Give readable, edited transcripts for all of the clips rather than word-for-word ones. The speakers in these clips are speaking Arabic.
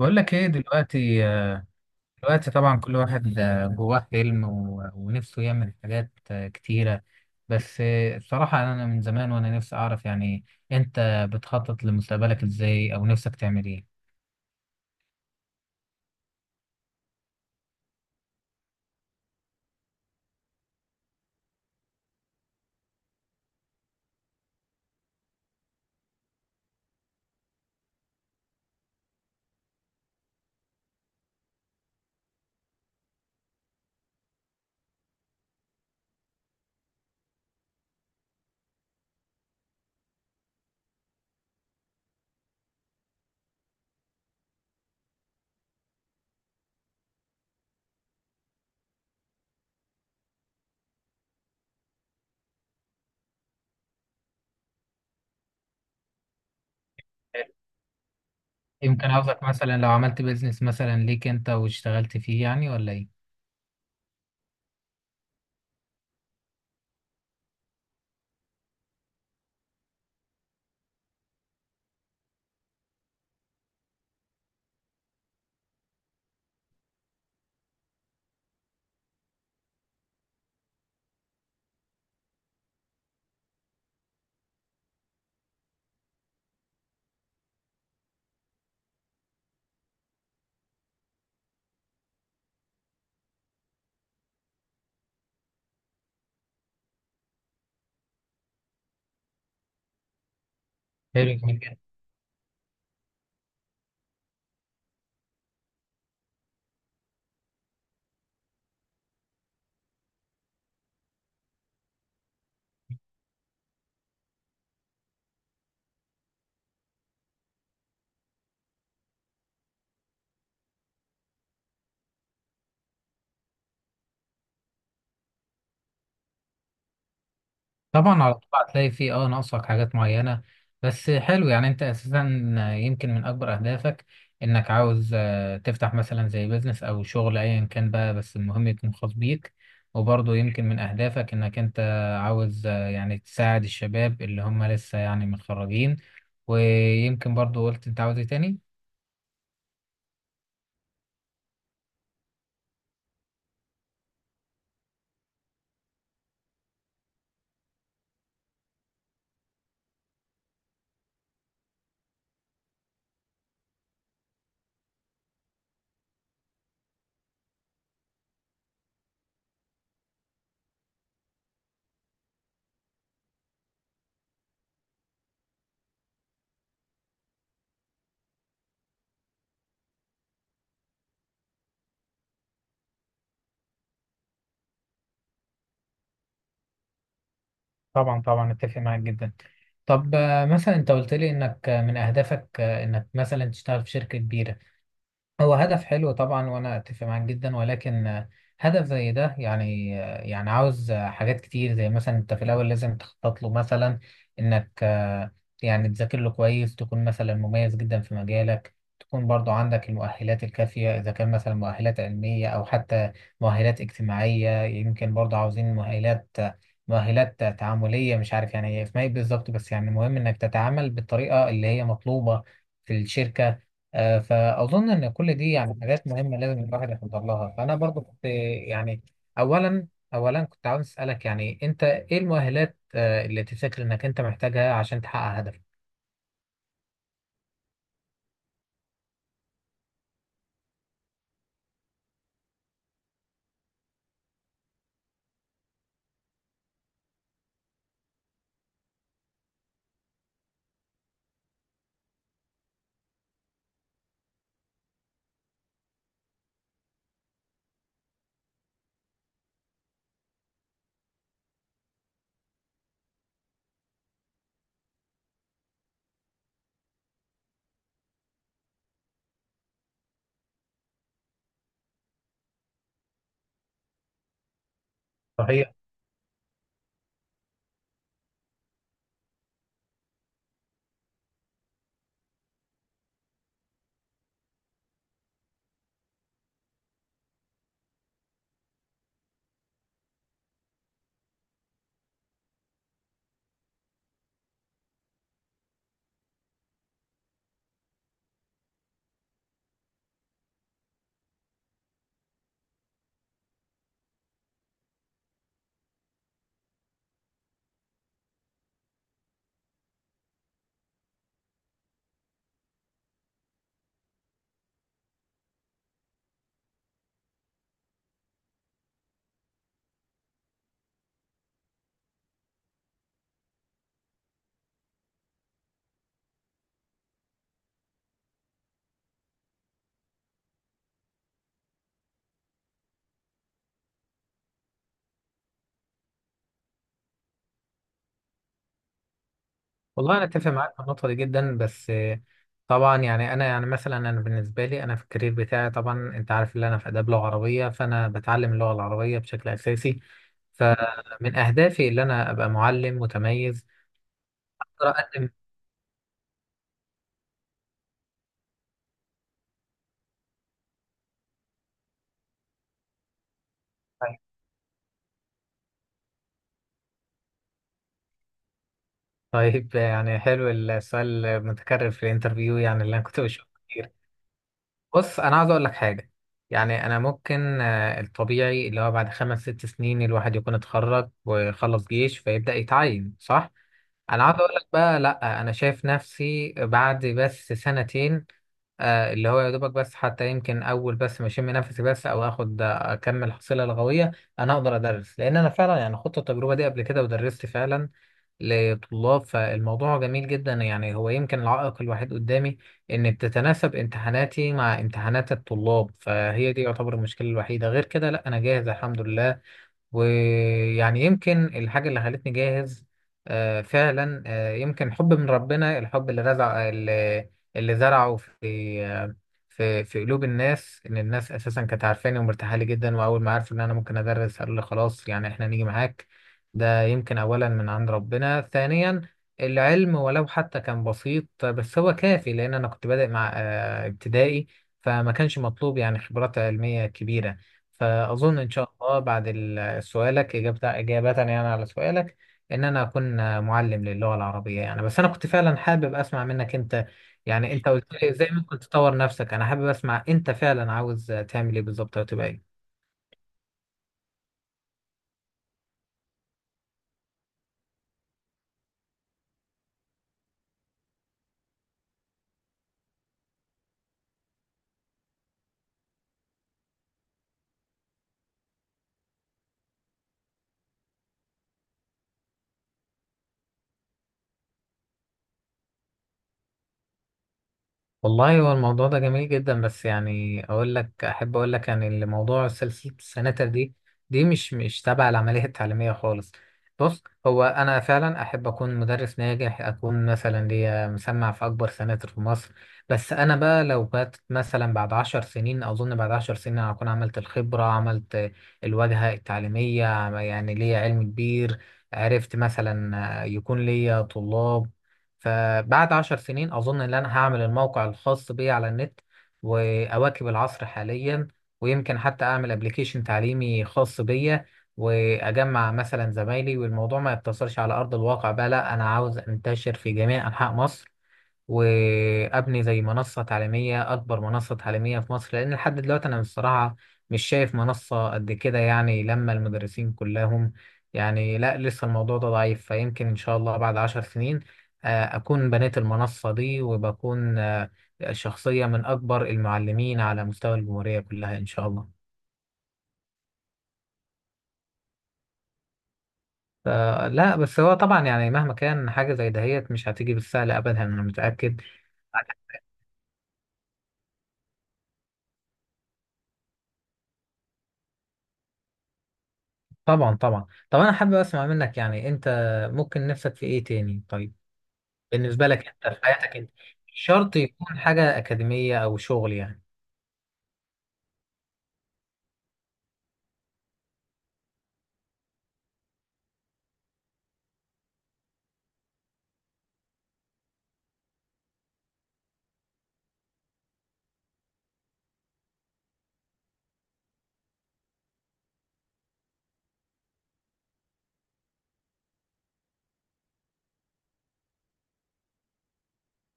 بقول لك ايه دلوقتي. دلوقتي طبعا كل واحد جواه حلم ونفسه يعمل حاجات كتيرة. بس الصراحة انا من زمان وانا نفسي اعرف يعني انت بتخطط لمستقبلك ازاي او نفسك تعمل ايه؟ يمكن قصدك مثلا لو عملت بيزنس مثلا ليك انت واشتغلت فيه يعني ولا ايه؟ حلو، جميل. طبعا على طول هتلاقي فيه اه ناقصك حاجات معينة. بس حلو، يعني انت اساسا يمكن من اكبر اهدافك انك عاوز تفتح مثلا زي بيزنس او شغل ايا كان بقى، بس المهم يكون خاص بيك. وبرضه يمكن من اهدافك انك انت عاوز يعني تساعد الشباب اللي هم لسه يعني متخرجين. ويمكن برضه قلت انت عاوز ايه تاني؟ طبعا طبعا، اتفق معاك جدا. طب مثلا انت قلت لي انك من اهدافك انك مثلا تشتغل في شركة كبيرة. هو هدف حلو طبعا وانا اتفق معاك جدا، ولكن هدف زي ده يعني يعني عاوز حاجات كتير، زي مثلا انت في الاول لازم تخطط له مثلا، انك يعني تذاكر له كويس، تكون مثلا مميز جدا في مجالك، تكون برضو عندك المؤهلات الكافية، اذا كان مثلا مؤهلات علمية او حتى مؤهلات اجتماعية. يمكن برضو عاوزين مؤهلات تعاملية، مش عارف يعني هي اسمها ايه بالظبط، بس يعني مهم انك تتعامل بالطريقة اللي هي مطلوبة في الشركة. فأظن إن كل دي يعني حاجات مهمة لازم الواحد يحضر لها. فأنا برضو كنت يعني أولا أولا كنت عاوز أسألك، يعني أنت إيه المؤهلات اللي تفتكر إنك أنت محتاجها عشان تحقق هدفك؟ صحيح. والله أنا أتفق معاك في النقطة دي جدا، بس طبعا يعني أنا يعني مثلا أنا بالنسبة لي أنا في الكارير بتاعي، طبعا أنت عارف إن أنا في آداب لغة عربية، فأنا بتعلم اللغة العربية بشكل أساسي. فمن أهدافي إن أنا أبقى معلم متميز أقدر أقدم. طيب يعني حلو السؤال المتكرر في الانترفيو، يعني اللي انا كنت بشوفه كتير. بص انا عاوز اقول لك حاجه. يعني انا ممكن الطبيعي اللي هو بعد خمس ست سنين الواحد يكون اتخرج وخلص جيش فيبدا يتعين، صح؟ انا عاوز اقول لك بقى لا، انا شايف نفسي بعد بس سنتين. اللي هو يا دوبك بس، حتى يمكن اول بس ما اشم نفسي بس او اخد اكمل حصيله لغويه. انا اقدر ادرس، لان انا فعلا يعني خدت التجربه دي قبل كده ودرست فعلا لطلاب، فالموضوع جميل جدا. يعني هو يمكن العائق الوحيد قدامي ان بتتناسب امتحاناتي مع امتحانات الطلاب، فهي دي يعتبر المشكلة الوحيدة. غير كده لا انا جاهز الحمد لله. ويعني يمكن الحاجة اللي خلتني جاهز فعلا يمكن حب من ربنا، الحب اللي رزع اللي اللي زرعه آه، في في قلوب الناس، ان الناس اساسا كانت عارفاني ومرتاحه لي جدا، واول ما عرفوا ان انا ممكن ادرس قالوا لي خلاص يعني احنا نيجي معاك. ده يمكن اولا من عند ربنا، ثانيا العلم ولو حتى كان بسيط بس هو كافي، لان انا كنت بادئ مع ابتدائي، فما كانش مطلوب يعني خبرات علمية كبيرة. فأظن إن شاء الله بعد سؤالك إجابة يعني على سؤالك، إن أنا أكون معلم للغة العربية يعني. بس أنا كنت فعلا حابب أسمع منك أنت، يعني أنت قلت لي إزاي ممكن تطور نفسك، أنا حابب أسمع أنت فعلا عاوز تعمل إيه بالظبط أو تبقى إيه. والله هو الموضوع ده جميل جدا، بس يعني اقول لك، احب اقول لك يعني اللي موضوع سلسله السناتر دي، دي مش تابعه للعمليه التعليميه خالص. بص هو انا فعلا احب اكون مدرس ناجح، اكون مثلا ليا مسمع في اكبر سناتر في مصر. بس انا بقى لو بات مثلا بعد عشر سنين، اظن بعد عشر سنين أنا هكون عملت الخبره، عملت الواجهه التعليميه، يعني ليا علم كبير، عرفت مثلا يكون ليا طلاب. فبعد عشر سنين أظن إن أنا هعمل الموقع الخاص بي على النت وأواكب العصر حاليا، ويمكن حتى أعمل أبليكيشن تعليمي خاص بيا، وأجمع مثلا زمايلي، والموضوع ما يقتصرش على أرض الواقع بقى. لا أنا عاوز أنتشر في جميع أنحاء مصر، وابني زي منصه تعليميه، اكبر منصه تعليميه في مصر، لان لحد دلوقتي انا بصراحه مش شايف منصه قد كده يعني، لما المدرسين كلهم يعني، لا لسه الموضوع ده ضعيف. فيمكن ان شاء الله بعد عشر سنين اكون بنيت المنصه دي، وبكون شخصيه من اكبر المعلمين على مستوى الجمهوريه كلها ان شاء الله. ف- لا بس هو طبعا يعني مهما كان حاجه زي دهيت مش هتيجي بالسهل ابدا، انا متاكد. طبعا طبعا. طب انا حابب اسمع منك، يعني انت ممكن نفسك في ايه تاني؟ طيب بالنسبه لك انت في حياتك انت، مش شرط يكون حاجه اكاديميه او شغل يعني.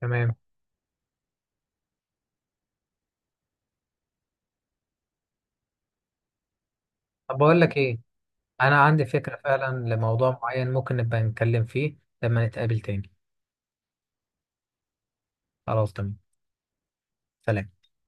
تمام. طب بقول لك ايه، انا عندي فكره فعلا لموضوع معين ممكن نبقى نتكلم فيه لما نتقابل تاني. خلاص تمام. سلام.